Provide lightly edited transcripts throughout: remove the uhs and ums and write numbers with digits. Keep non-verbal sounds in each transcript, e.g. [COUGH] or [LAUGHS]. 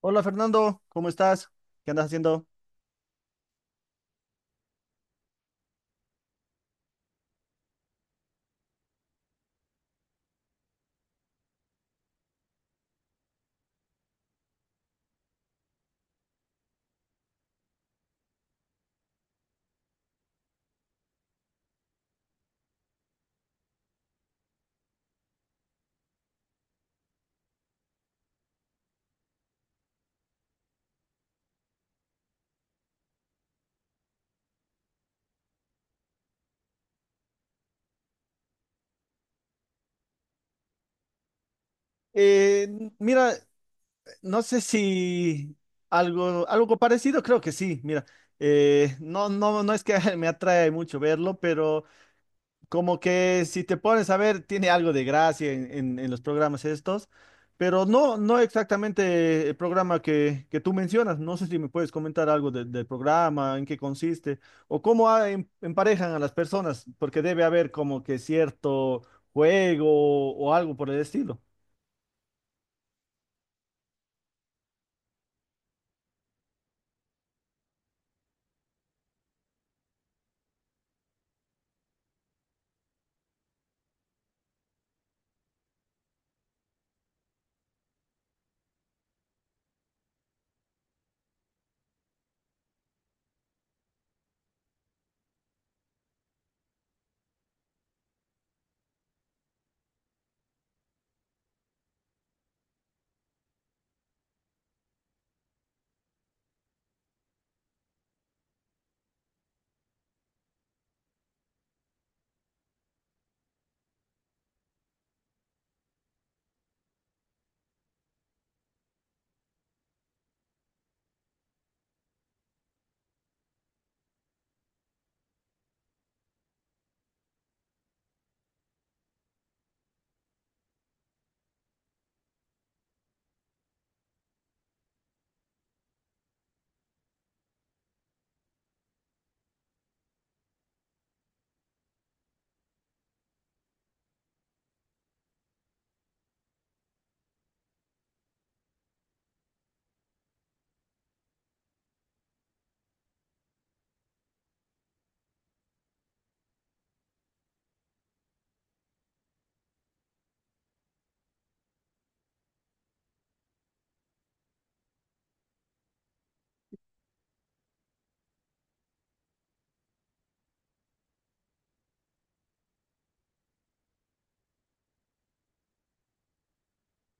Hola Fernando, ¿cómo estás? ¿Qué andas haciendo? Eh, Mira, no sé si algo parecido, creo que sí. Mira, no es que [LAUGHS] me atrae mucho verlo, pero como que si te pones a ver, tiene algo de gracia en los programas estos, pero no, no exactamente el programa que tú mencionas. No sé si me puedes comentar algo del programa, en qué consiste, o cómo emparejan a las personas, porque debe haber como que cierto juego o algo por el estilo.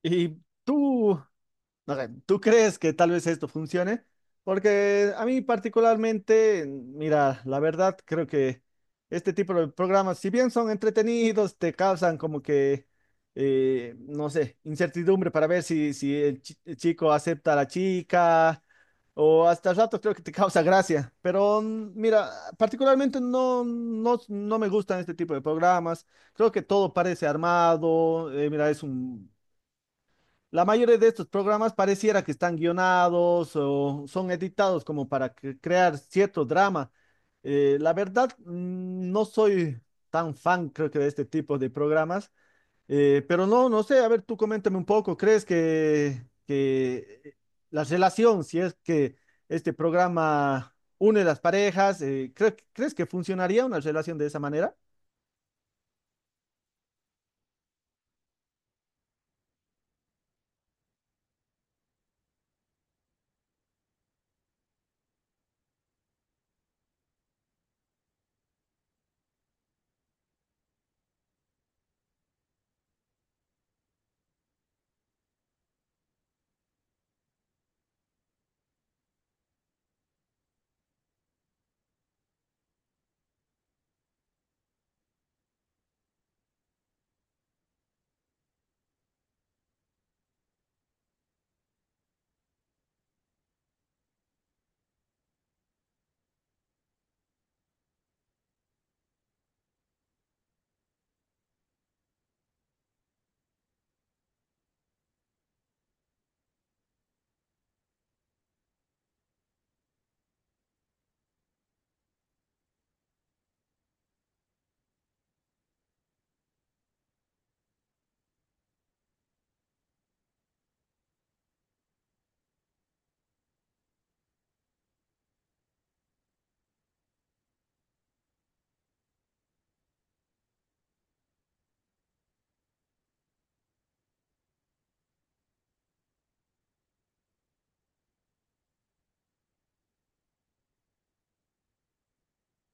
¿Y tú? Ok, ¿tú crees que tal vez esto funcione? Porque a mí particularmente, mira, la verdad creo que este tipo de programas, si bien son entretenidos, te causan como que, no sé, incertidumbre para ver si, si el el chico acepta a la chica o hasta rato creo que te causa gracia. Pero mira, particularmente no, no, no me gustan este tipo de programas. Creo que todo parece armado. Mira, es un la mayoría de estos programas pareciera que están guionados o son editados como para crear cierto drama. La verdad, no soy tan fan, creo que, de este tipo de programas. Pero no, no sé, a ver, tú coméntame un poco, ¿crees que, que la relación, si es que este programa une las parejas, ¿crees que funcionaría una relación de esa manera?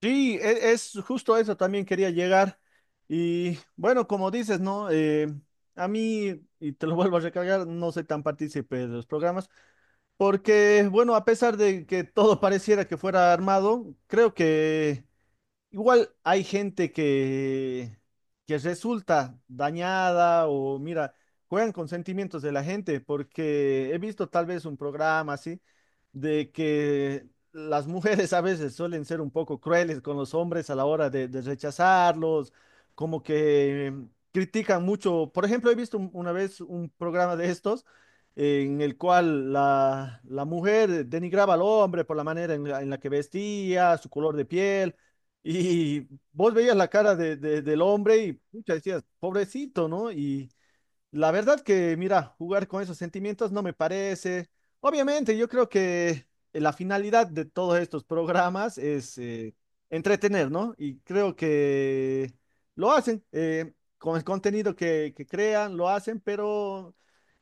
Sí, es justo a eso también quería llegar. Y bueno, como dices, ¿no? A mí, y te lo [LAUGHS] vuelvo a recargar, no soy tan partícipe de los programas, porque bueno, a pesar de que todo [LAUGHS] pareciera que fuera armado, creo que igual hay gente que resulta dañada o mira, juegan con sentimientos de la gente, porque he visto tal vez un programa así de que las mujeres [LAUGHS] a veces suelen ser un poco crueles con los hombres a la hora de rechazarlos, como que critican mucho. Por ejemplo, he visto una vez un programa de estos en el cual la mujer denigraba al hombre por la manera en la que vestía, su color de piel. Y vos veías la cara del hombre y pucha, decías, pobrecito, ¿no? Y la verdad que, mira, jugar con esos sentimientos no me parece. Obviamente, yo creo que la finalidad de todos estos programas es entretener, ¿no? Y creo que lo hacen, con el contenido que crean, lo hacen, pero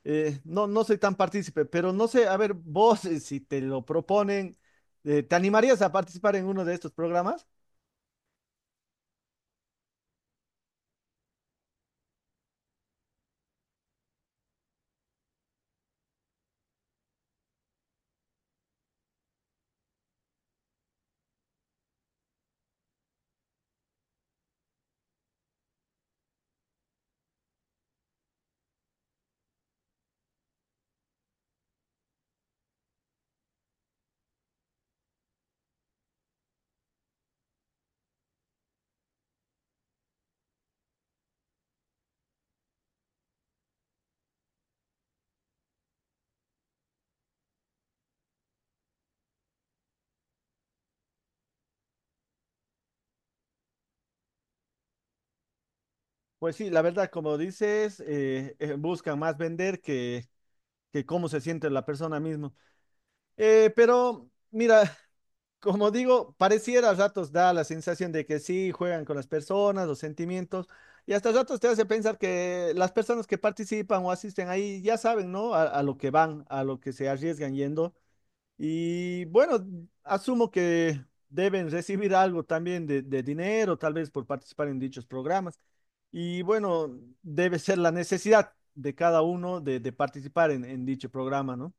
no, no soy tan partícipe, pero no sé, a ver, vos, si te lo proponen, ¿te animarías a participar en uno de estos programas? Pues sí, la verdad, como dices, buscan más vender que cómo se siente la persona misma. Pero mira, [LAUGHS] como digo, pareciera a ratos da la sensación de que sí, juegan con las personas, los sentimientos, y hasta ratos te hace pensar que las personas que participan o asisten ahí ya saben, ¿no? A lo que van, a lo que se arriesgan yendo. Y bueno, asumo que deben recibir algo también de dinero, tal vez por participar en dichos programas. Y bueno, debe ser la necesidad de cada uno de participar en dicho programa, ¿no?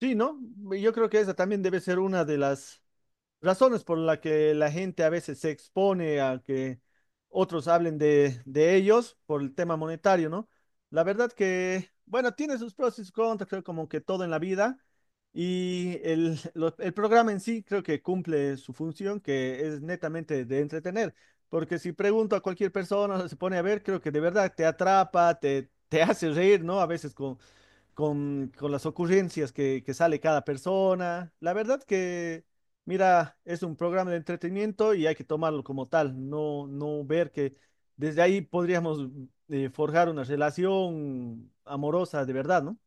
Sí, ¿no? Yo creo que esa también debe ser una de las razones por las que la gente a veces se expone a que otros hablen de ellos por el tema monetario, ¿no? La verdad que, bueno, tiene sus pros y sus contras, creo como que todo en la vida. Y el programa en sí creo que cumple su función, que es netamente de entretener. Porque si pregunto a cualquier persona, se pone a ver, creo que de verdad te atrapa, te hace reír, ¿no? A veces con las ocurrencias que sale cada persona. La verdad que, mira, es un programa de entretenimiento y hay que tomarlo como tal, no, no ver que desde ahí podríamos forjar una relación amorosa de verdad, ¿no?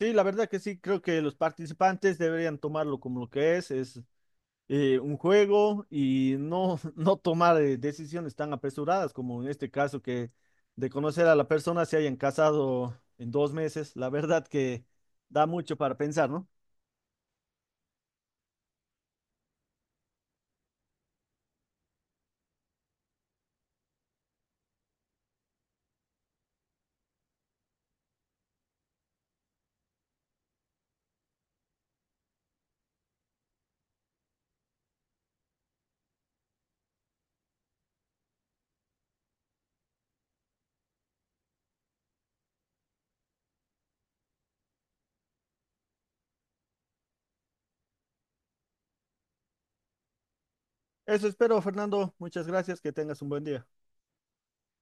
Sí, la verdad que sí, creo que los participantes deberían tomarlo como lo que es un juego y no, [LAUGHS] no tomar decisiones tan apresuradas como en este caso que de conocer a la persona se hayan casado en 2 meses. La verdad que da mucho para pensar, ¿no? Eso espero, Fernando. Muchas gracias. Que tengas un buen día.